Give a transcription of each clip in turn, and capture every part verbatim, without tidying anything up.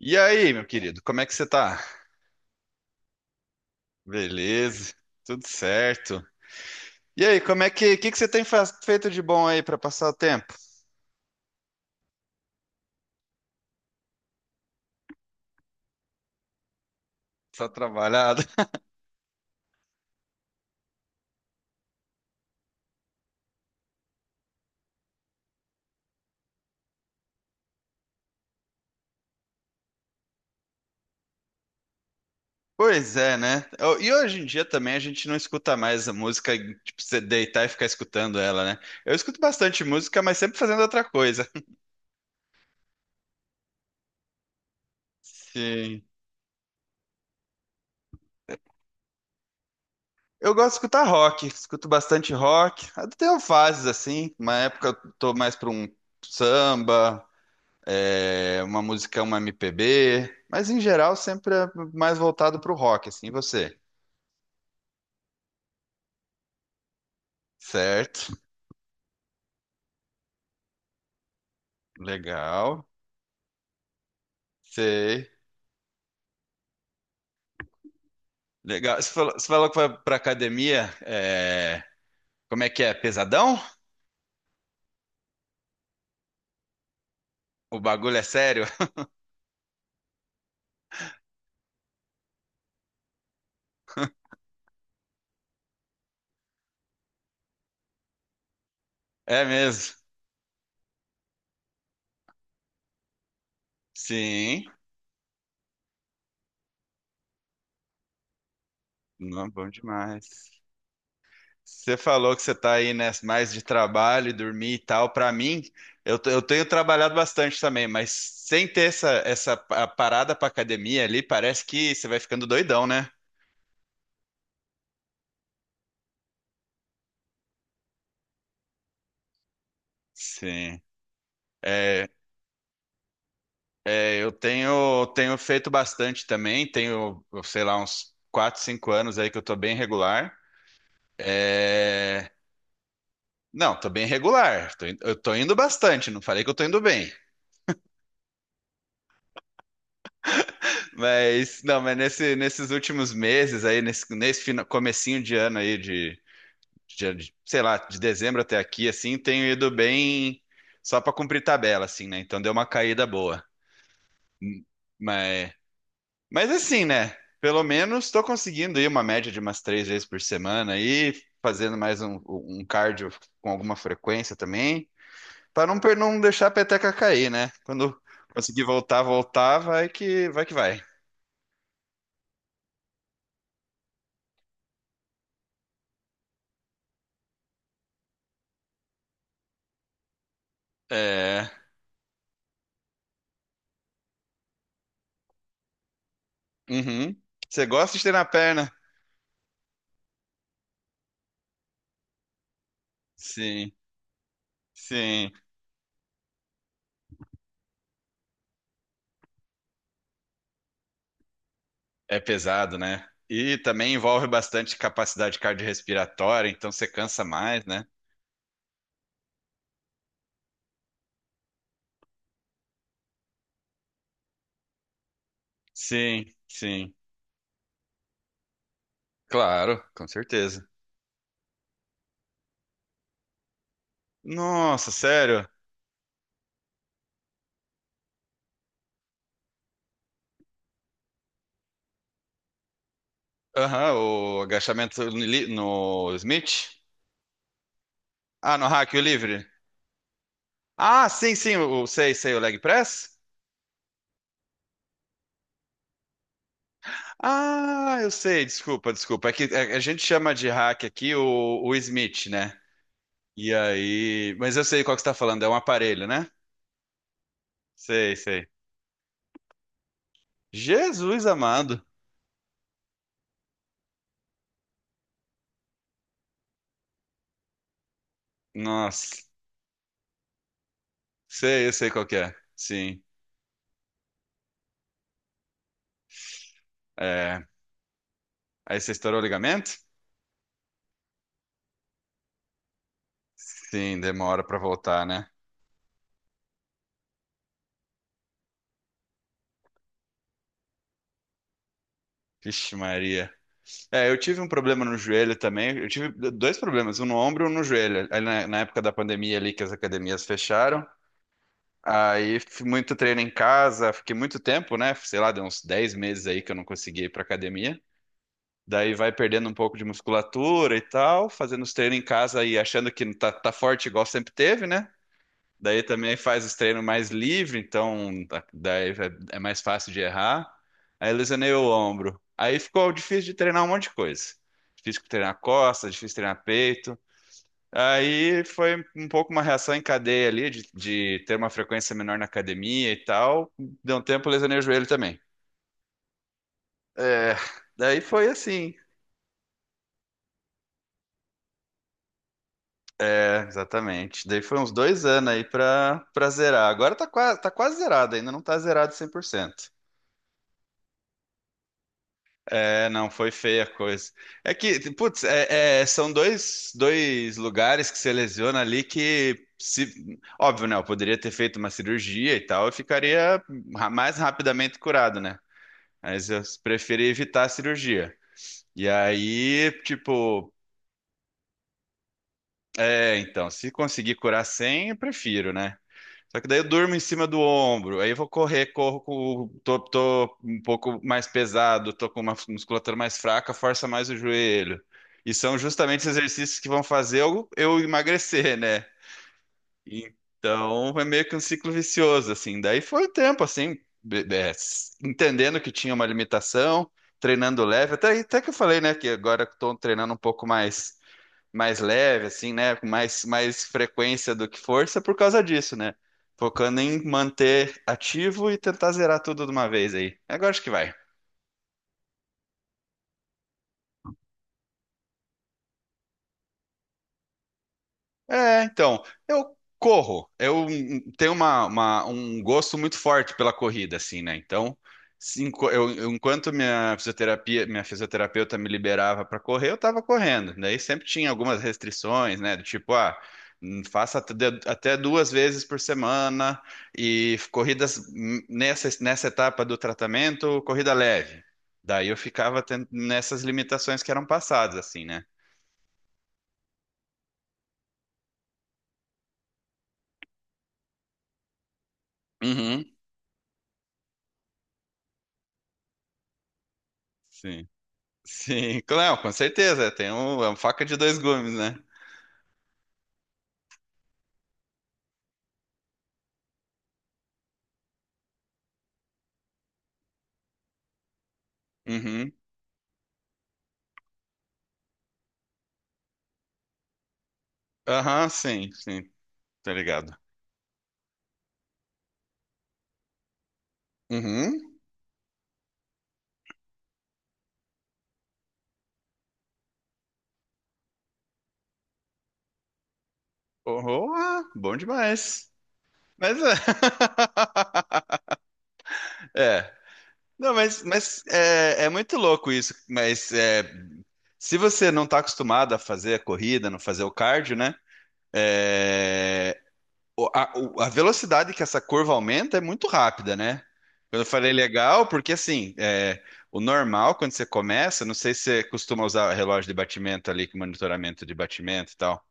E aí, meu querido, como é que você tá? Beleza, tudo certo. E aí, como é que, que, que você tem faz- feito de bom aí pra passar o tempo? Só trabalhado? Pois é, né? Eu- E hoje em dia também a gente não escuta mais a música, tipo, você deitar e ficar escutando ela, né? Eu escuto bastante música, mas sempre fazendo outra coisa. Sim. Eu gosto de escutar rock, escuto bastante rock. Eu tenho fases assim, uma época eu tô mais pra um samba, é, uma música, uma M P B, mas em geral sempre é mais voltado para o rock, assim, e você. Certo, legal, sei, legal. Você falou, você falou que foi para academia, é, como é que é, pesadão? O bagulho é sério? É mesmo, sim, não, bom demais. Você falou que você está aí, né, mais de trabalho, e dormir e tal. Para mim, eu, t- eu tenho trabalhado bastante também, mas sem ter essa, essa pa- parada para academia ali, parece que você vai ficando doidão, né? Sim. É, é, eu tenho, tenho feito bastante também, tenho, sei lá, uns quatro, cinco anos aí que eu tô bem regular. É, não, tô bem regular, tô in- eu tô indo bastante, não falei que eu tô indo bem. Mas, não, mas nesse- nesses últimos meses aí, nesse, nesse fina- comecinho de ano aí, de, de- de- sei lá, de dezembro até aqui, assim, tenho ido bem só pra cumprir tabela, assim, né? Então deu uma caída boa. Mas, mas assim, né? Pelo menos tô conseguindo ir uma média de umas três vezes por semana aí, fazendo mais um, um cardio com alguma frequência também, pra não, per- não deixar a peteca cair, né? Quando conseguir voltar, voltar, vai que vai que vai. É. Uhum. Você gosta de estender na perna? Sim, sim. É pesado, né? E também envolve bastante capacidade cardiorrespiratória, então você cansa mais, né? Sim, sim. Claro, com certeza. Nossa, sério? Aham, o agachamento no, li- no Smith? Ah, no hack o livre? Ah, sim, sim, o, o- sei, sei, o leg press? Ah, eu sei, desculpa, desculpa. É que a a gente chama de hack aqui o, o Smith, né? E aí. Mas eu sei qual que você tá falando, é um aparelho, né? Sei, sei. Jesus amado. Nossa. Sei, eu sei qual que é. Sim. É. Aí você estourou o ligamento? Sim, demora pra voltar, né? Vixe, Maria. É, eu tive um problema no joelho também. Eu tive dois problemas, um no ombro e um no joelho. Aí na, na época da pandemia ali que as academias fecharam. Aí fiz muito treino em casa, fiquei muito tempo, né? Sei lá, deu uns dez meses aí que eu não consegui ir pra academia. Daí vai perdendo um pouco de musculatura e tal, fazendo os treinos em casa e achando que tá, tá forte igual sempre teve, né? Daí também faz os treinos mais livre, então tá- daí é é mais fácil de errar. Aí lesionei o ombro. Aí ficou difícil de treinar um monte de coisa. Difícil treinar costas, difícil treinar peito. Aí foi um pouco uma reação em cadeia ali, de, de ter uma frequência menor na academia e tal. Deu um tempo, lesionei o joelho também. É, daí foi assim. É, exatamente. Daí foi uns dois anos aí pra, pra zerar. Agora tá quase, tá quase zerado, ainda não tá zerado cem por cento. É, não, foi feia a coisa. É que, putz, é- é, são dois, dois lugares que você lesiona ali que, se, óbvio, né? Eu poderia ter feito uma cirurgia e tal, eu ficaria ra- mais rapidamente curado, né? Mas eu preferi evitar a cirurgia. E aí, tipo, é, então, se conseguir curar sem, eu prefiro, né? Só que daí eu durmo em cima do ombro, aí eu vou correr, corro com o- tô, tô um pouco mais pesado, tô com uma musculatura mais fraca, força mais o joelho. E são justamente os exercícios que vão fazer eu, eu emagrecer, né? Então é meio que um ciclo vicioso, assim. Daí foi o tempo, assim, be- be- entendendo que tinha uma limitação, treinando leve, até, até que eu falei, né, que agora estou treinando um pouco mais mais leve, assim, né? Com mais, mais frequência do que força por causa disso, né? Focando em manter ativo e tentar zerar tudo de uma vez aí. Agora acho que vai. É, então, eu corro. Eu hum, tenho uma, uma- um gosto muito forte pela corrida, assim, né? Então, se enqu- eu- eu- enquanto minha fisioterapia, minha fisioterapeuta me liberava para correr, eu tava correndo. Daí sempre tinha algumas restrições, né? Do tipo, ah, hum, faça até até duas vezes por semana e corridas hum, nessa, nessa etapa do tratamento, corrida leve. Daí eu ficava ten- nessas limitações que eram passadas, assim, né? Uhum. Sim. Sim, claro, com certeza. Tem um, é uma faca de dois gumes, né? Uhum. Aham, sim, sim, tá ligado. Uhum. Oh, ah, bom demais. Mas é. É. Não, mas, mas é, é muito louco isso. Mas é, se você não tá acostumado a fazer a corrida, não fazer o cardio, né? É, o- a, o- a velocidade que essa curva aumenta é muito rápida, né? Quando eu falei legal, porque assim, é, o normal, quando você começa, não sei se você costuma usar relógio de batimento ali, com monitoramento de batimento e tal.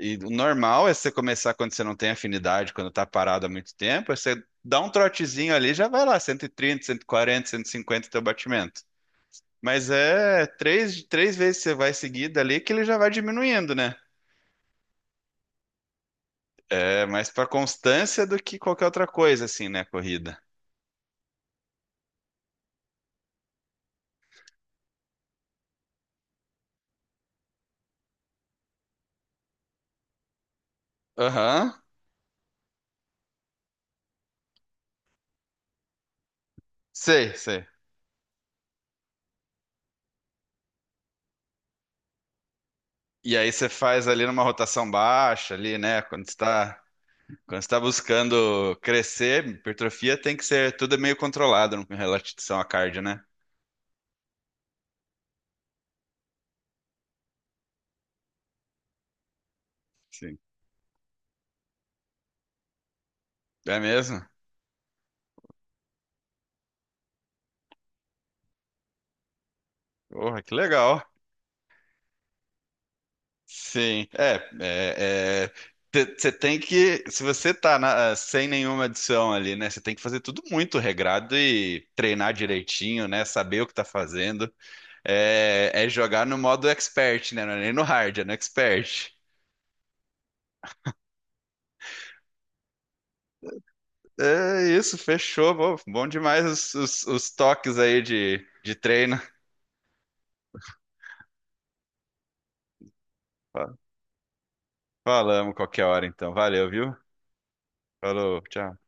E o normal é você começar quando você não tem afinidade, quando tá parado há muito tempo, é você dá um trotezinho ali, já vai lá, cento cento e e trinta, cento e quarenta, cento e cinquenta teu batimento. Mas é três, três vezes você vai seguida ali que ele já vai diminuindo, né? É mais pra constância do que qualquer outra coisa, assim, né, corrida. Aham. Sei, sei. E aí você faz ali numa rotação baixa ali, né? Quando está quando está buscando crescer, hipertrofia tem que ser tudo é meio controlado em relação à cardio, né? Sim. É mesmo? Porra, que legal. Sim. É, é, você tem que, se você tá na- sem nenhuma adição ali, né? Você tem que fazer tudo muito regrado e treinar direitinho, né? Saber o que tá fazendo. É, é jogar no modo expert, né? Não é nem no hard, é no expert. É isso, fechou. Bom, bom demais os, os- os toques aí de, de treino. Fa- Falamos qualquer hora, então. Valeu, viu? Falou, tchau.